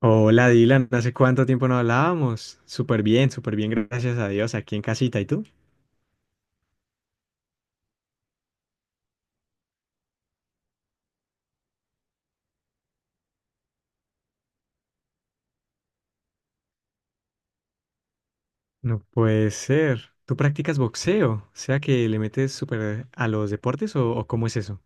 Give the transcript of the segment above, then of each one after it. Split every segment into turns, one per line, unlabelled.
Hola Dylan, ¿hace cuánto tiempo no hablábamos? Súper bien, gracias a Dios, aquí en casita. ¿Y tú? No puede ser. ¿Tú practicas boxeo? ¿O sea que le metes súper a los deportes o cómo es eso?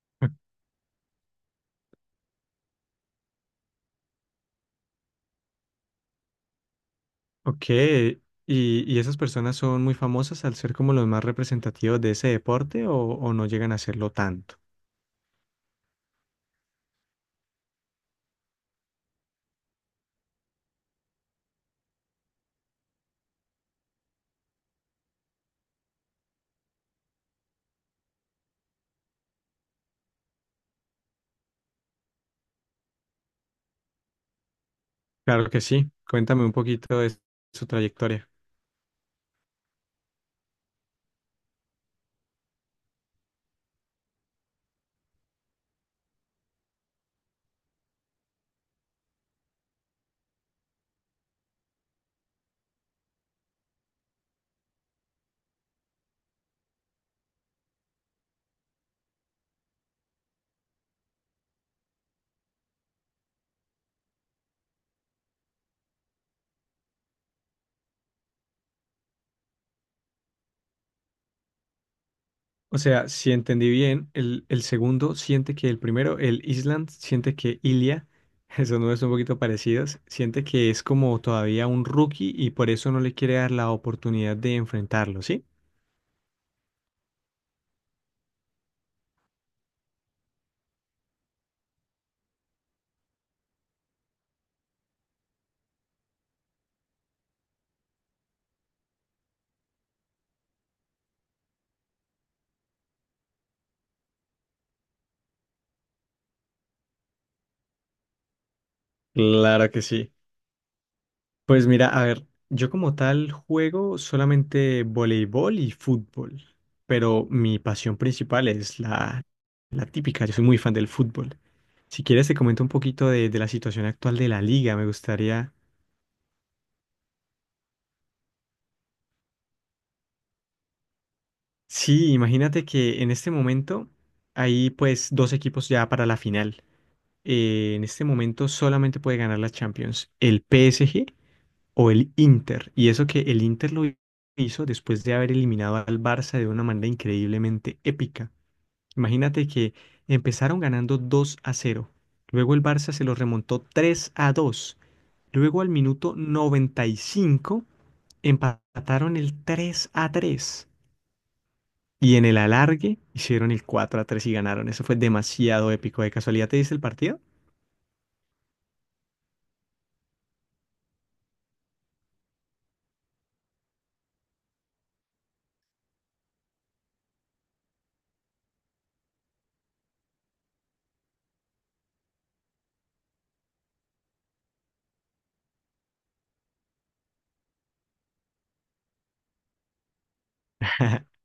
Ok, ¿Y esas personas son muy famosas al ser como los más representativos de ese deporte, o no llegan a serlo tanto? Claro que sí, cuéntame un poquito de su trayectoria. O sea, si entendí bien, el segundo siente que el primero, el Island, siente que Ilia, esos nombres son un poquito parecidos, siente que es como todavía un rookie y por eso no le quiere dar la oportunidad de enfrentarlo, ¿sí? Claro que sí. Pues mira, a ver, yo como tal juego solamente voleibol y fútbol, pero mi pasión principal es la típica, yo soy muy fan del fútbol. Si quieres te comento un poquito de la situación actual de la liga, me gustaría. Sí, imagínate que en este momento hay pues dos equipos ya para la final. En este momento solamente puede ganar la Champions el PSG o el Inter. Y eso que el Inter lo hizo después de haber eliminado al Barça de una manera increíblemente épica. Imagínate que empezaron ganando 2 a cero. Luego el Barça se lo remontó 3 a dos. Luego al minuto 95 empataron el 3 a 3. Y en el alargue hicieron el 4 a 3 y ganaron. Eso fue demasiado épico. ¿De casualidad te diste el partido?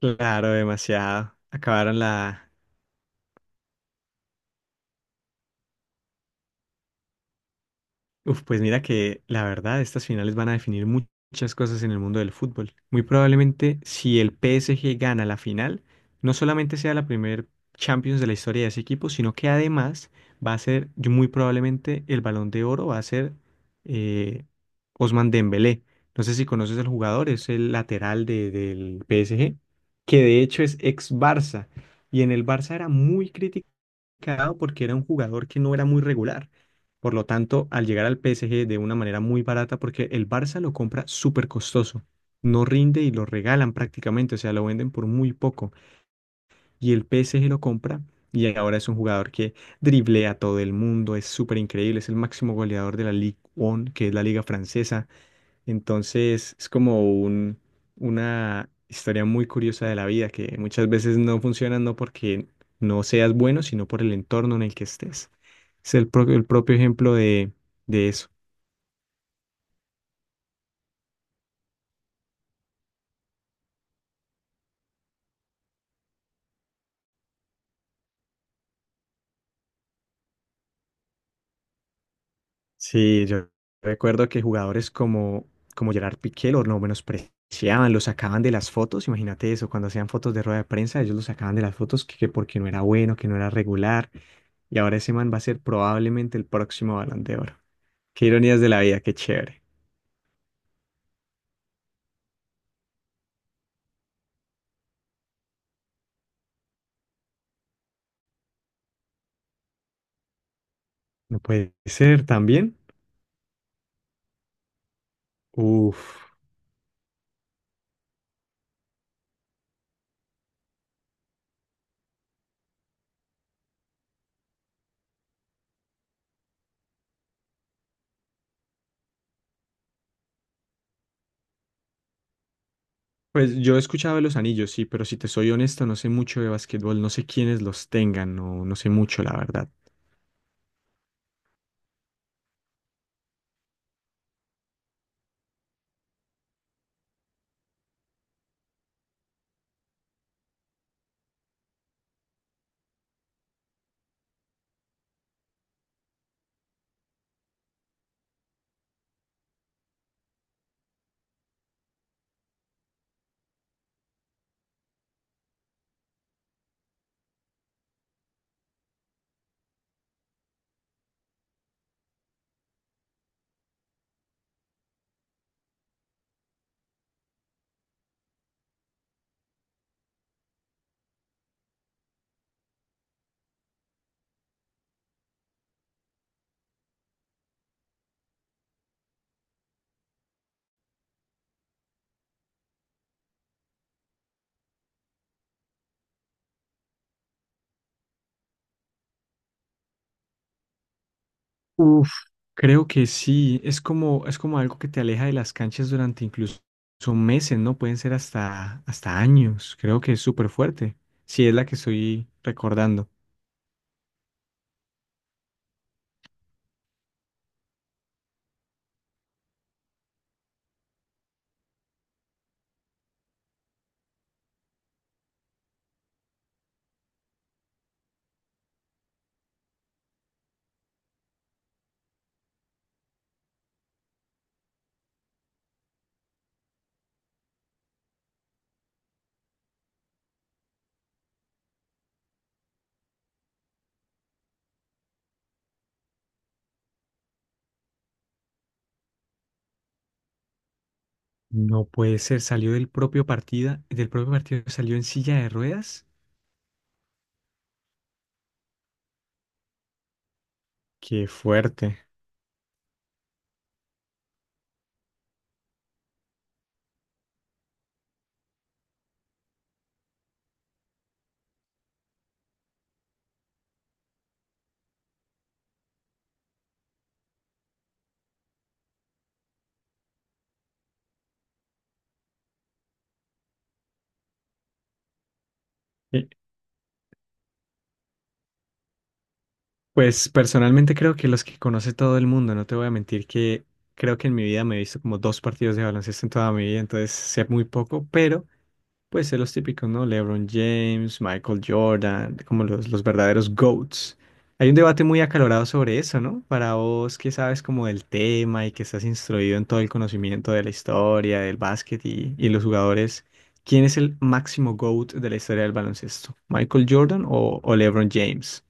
Claro, demasiado. Acabaron la, uf, pues mira que la verdad, estas finales van a definir muchas cosas en el mundo del fútbol. Muy probablemente, si el PSG gana la final, no solamente sea la primer Champions de la historia de ese equipo, sino que además va a ser, yo muy probablemente, el Balón de Oro va a ser, eh, Ousmane Dembélé. No sé si conoces al jugador, es el del PSG, que de hecho es ex Barça. Y en el Barça era muy crítico mercado porque era un jugador que no era muy regular. Por lo tanto, al llegar al PSG de una manera muy barata, porque el Barça lo compra súper costoso, no rinde y lo regalan prácticamente, o sea, lo venden por muy poco. Y el PSG lo compra y ahora es un jugador que driblea a todo el mundo, es súper increíble, es el máximo goleador de la Ligue 1, que es la liga francesa, entonces es como un, una historia muy curiosa de la vida que muchas veces no funciona no porque no seas bueno, sino por el entorno en el que estés. Es el propio ejemplo de eso. Sí, yo recuerdo que jugadores como Gerard Piqué lo menospreciaban, lo sacaban de las fotos. Imagínate eso, cuando hacían fotos de rueda de prensa, ellos lo sacaban de las fotos que porque no era bueno, que no era regular. Y ahora ese man va a ser probablemente el próximo Balón de Oro. Qué ironías de la vida, qué chévere. No puede ser también. Uf. Pues yo he escuchado de los anillos, sí, pero si te soy honesto, no sé mucho de básquetbol, no sé quiénes los tengan, no sé mucho, la verdad. Uf. Creo que sí, es como algo que te aleja de las canchas durante incluso meses, ¿no? Pueden ser hasta años. Creo que es súper fuerte, si es la que estoy recordando. No puede ser, salió del del propio partido salió en silla de ruedas. Qué fuerte. E- Pues personalmente creo que los que conoce todo el mundo, no te voy a mentir que creo que en mi vida me he visto como dos partidos de baloncesto en toda mi vida, entonces sé muy poco, pero pues sé los típicos, ¿no? LeBron James, Michael Jordan, como los verdaderos GOATs. Hay un debate muy acalorado sobre eso, ¿no? Para vos que sabes como del tema y que estás instruido en todo el conocimiento de la historia, del básquet y los jugadores, ¿quién es el máximo GOAT de la historia del baloncesto? ¿Michael Jordan o LeBron James?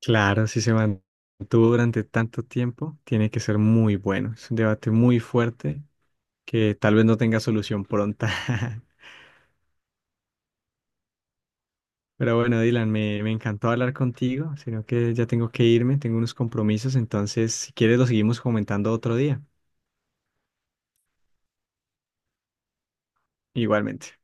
Claro, si se mantuvo durante tanto tiempo, tiene que ser muy bueno. Es un debate muy fuerte que tal vez no tenga solución pronta. Pero bueno, Dylan, me encantó hablar contigo, sino que ya tengo que irme, tengo unos compromisos, entonces si quieres lo seguimos comentando otro día. Igualmente.